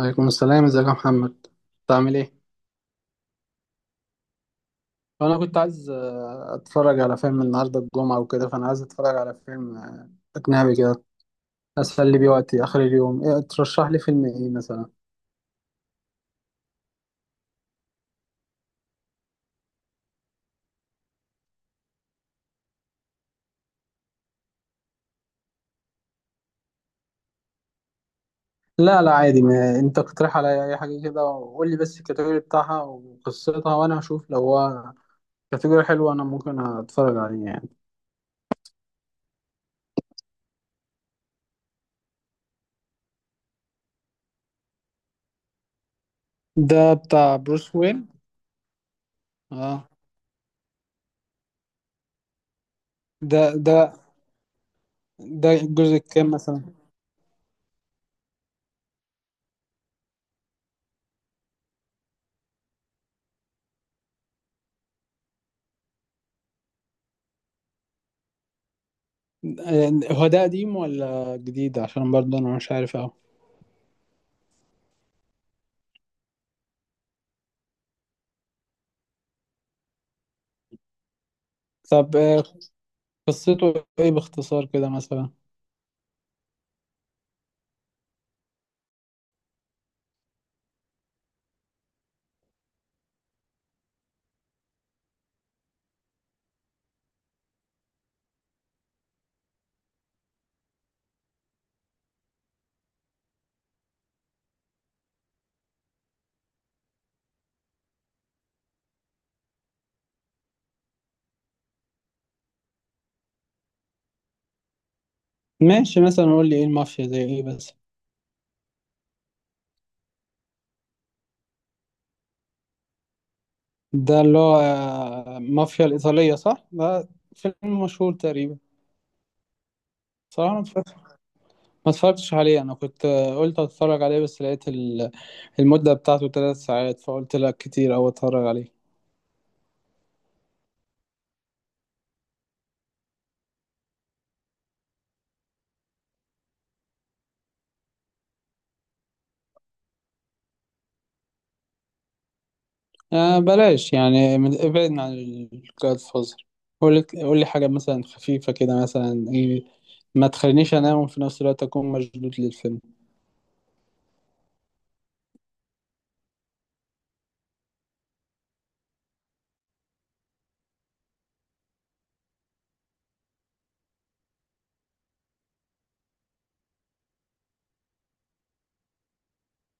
عليكم السلام، ازيك يا محمد؟ انت عامل ايه؟ انا كنت عايز اتفرج على فيلم النهارده الجمعه وكده، فانا عايز اتفرج على فيلم اجنبي كده اسلي بيه وقتي اخر اليوم. إيه ترشح لي فيلم ايه مثلا؟ لا لا، عادي، ما انت اقترح عليا اي حاجه كده وقول لي بس الكاتيجوري بتاعها وقصتها، وانا هشوف لو هو كاتيجوري حلو انا ممكن اتفرج عليه يعني. ده بتاع بروس وين؟ اه. ده ده ده الجزء الكام مثلا؟ آه، هو ده قديم ولا جديد؟ عشان برضه انا مش عارف أوي. طب، قصته ايه باختصار كده مثلا؟ ماشي، مثلا قول لي ايه المافيا زي ايه بس؟ ده اللي هو مافيا الإيطالية صح؟ ده فيلم مشهور تقريبا. صراحة ما اتفرجتش عليه. انا كنت قلت اتفرج عليه بس لقيت المدة بتاعته 3 ساعات، فقلت لا كتير او اتفرج عليه. بلاش يعني، ابعدنا عن الجاد فوزر. قول لي حاجة مثلا خفيفة كده، مثلا ايه ما تخلينيش انام وفي نفس الوقت اكون مشدود للفيلم.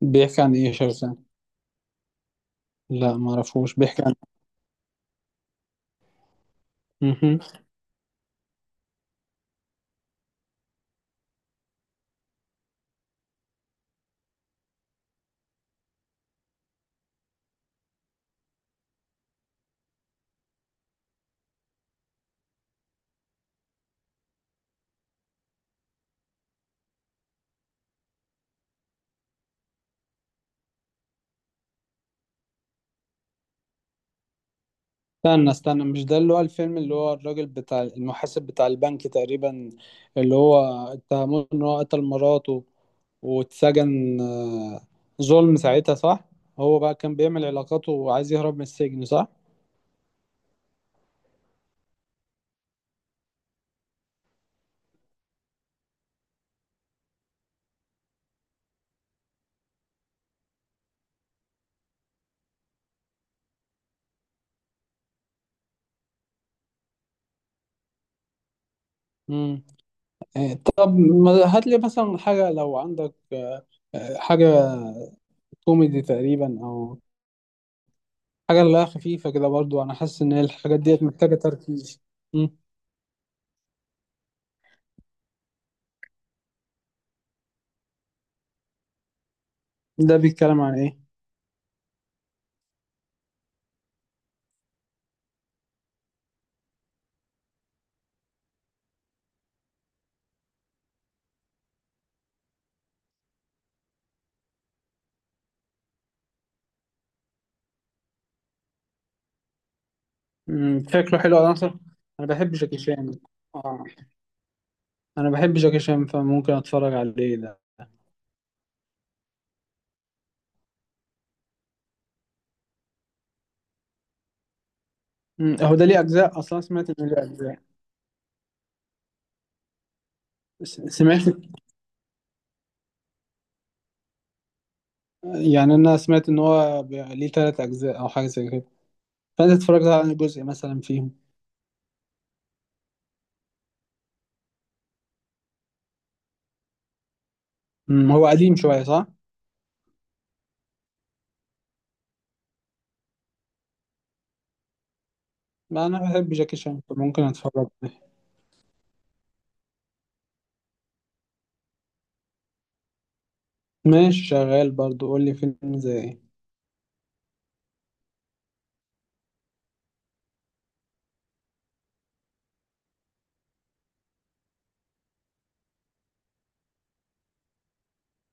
بيحكي عن ايه؟ شخص؟ لا ما اعرفوش. بيحكي عن... مهم. استنى استنى، مش ده اللي هو الفيلم اللي هو الراجل بتاع المحاسب بتاع البنك تقريبا، اللي هو اتهموه ان هو قتل مراته واتسجن ظلم ساعتها صح؟ هو بقى كان بيعمل علاقاته وعايز يهرب من السجن صح؟ مم. طب، هات لي مثلا حاجة لو عندك حاجة كوميدي تقريبا، او حاجة اللي هي خفيفة كده برضو. انا حاسس ان الحاجات ديت محتاجة تركيز. مم. ده بيتكلم عن ايه؟ مم، شكله حلو على نصر. انا بحب جاكي شان. اه. انا بحب جاكي شان فممكن اتفرج عليه ده. مم، هو ده ليه اجزاء اصلا؟ سمعت انه ليه اجزاء. سمعت يعني انا سمعت ان هو ليه 3 اجزاء او حاجه زي كده، فانت اتفرجت على جزء مثلا فيهم؟ مم، هو قديم شويه صح؟ ما انا بحب جاكي شان فممكن اتفرج عليه. ماشي شغال برضو، قول لي فيلم زي ايه؟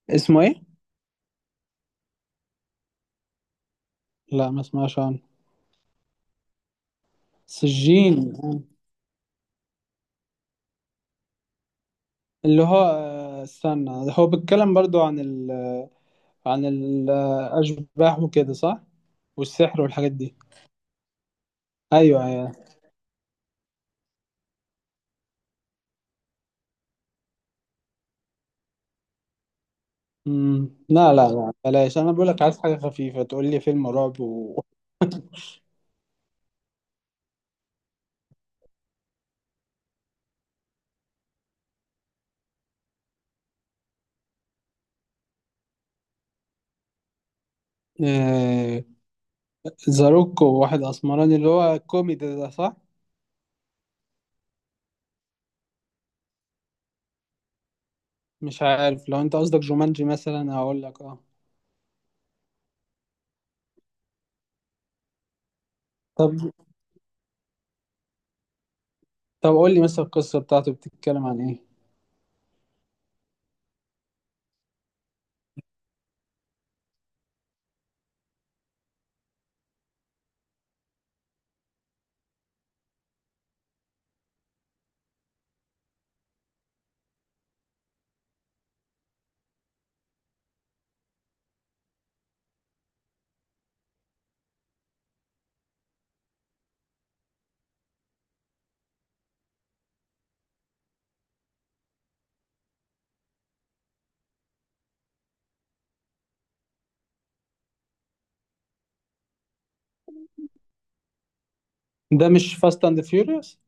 اسمه ايه؟ لا، ما اسمعش عنه. سجين. آه. اللي هو استنى، هو بيتكلم برضو عن الأشباح وكده صح؟ والسحر والحاجات دي. أيوه، أيوه. مم. لا، لا، لا، بلاش، أنا بقولك عايز حاجة خفيفة تقول لي فيلم رعب و... آه، ذا روك وواحد أسمراني اللي هو الكوميدي ده صح؟ مش عارف، لو أنت قصدك جومانجي مثلا هقول لك أه. طب، طب، قول لي مثلا القصة بتاعته بتتكلم عن إيه؟ ده مش فاست أند فيوريوس؟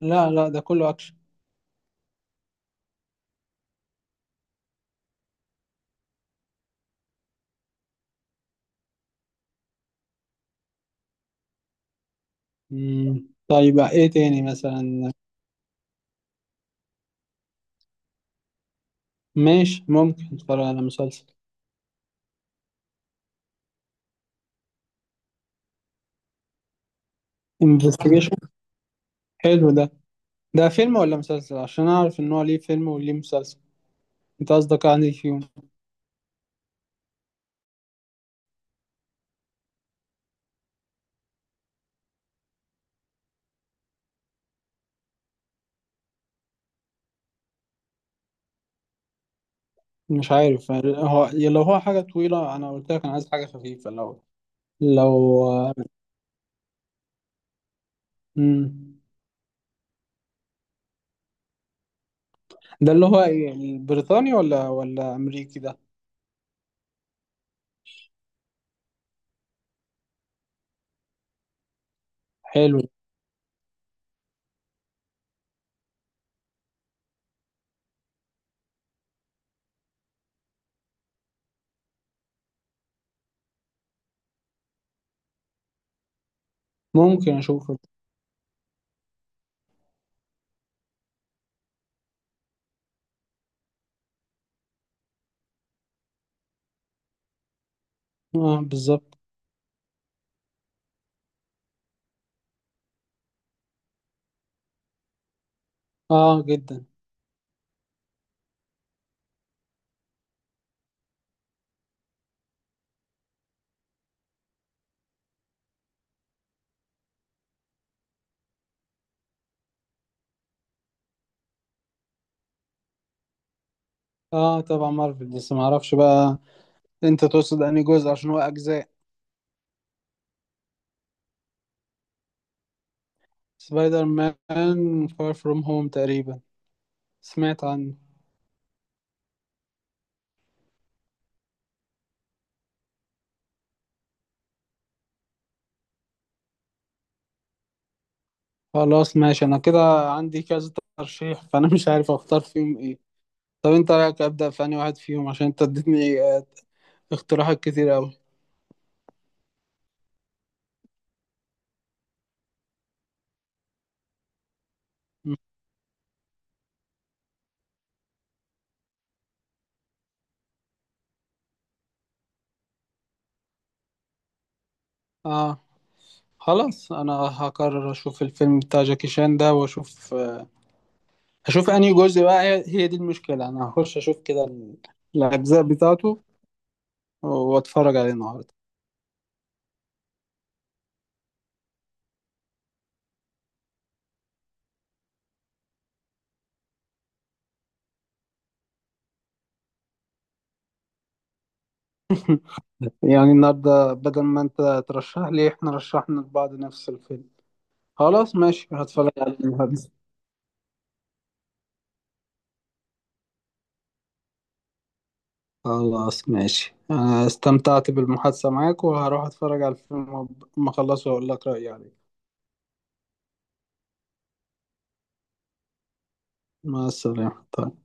لا، لا، ده كله أكشن. مم. طيب إيه تاني مثلا؟ ماشي، ممكن أتفرج على مسلسل. انفستيجيشن. حلو ده فيلم ولا مسلسل، عشان اعرف ان هو ليه فيلم وليه مسلسل؟ انت قصدك يعني فيهم؟ مش عارف، هو لو هو حاجه طويله انا قلت لك انا عايز حاجه خفيفه. لو مم. ده اللي هو ايه، البريطاني ولا امريكي ده؟ حلو، ممكن اشوفه. اه، بالظبط. اه جدا. اه طبعا مارفل، بس ما اعرفش بقى انت تقصد انهي جزء عشان هو اجزاء. سبايدر مان فار فروم هوم تقريبا. سمعت عنه؟ خلاص ماشي، انا كده عندي كذا ترشيح فانا مش عارف اختار فيهم ايه. طب انت رايك ابدا في انهي واحد فيهم، عشان انت اديتني اقتراحات كتير قوي. اه، خلاص. انا هقرر اشوف الفيلم بتاع جاكي شان ده، واشوف آه، هشوف انهي جزء بقى. هي هي دي المشكله. انا هخش اشوف كده الاجزاء بتاعته واتفرج عليه النهارده. يعني النهارده بدل ما انت ترشح لي احنا رشحنا لبعض نفس الفيلم. خلاص ماشي، هتفرج عليه النهارده. خلاص ماشي، أنا استمتعت بالمحادثة معاك وهروح أتفرج على الفيلم وأما أخلصه وأقول لك رأيي عليه. مع السلامة. طيب.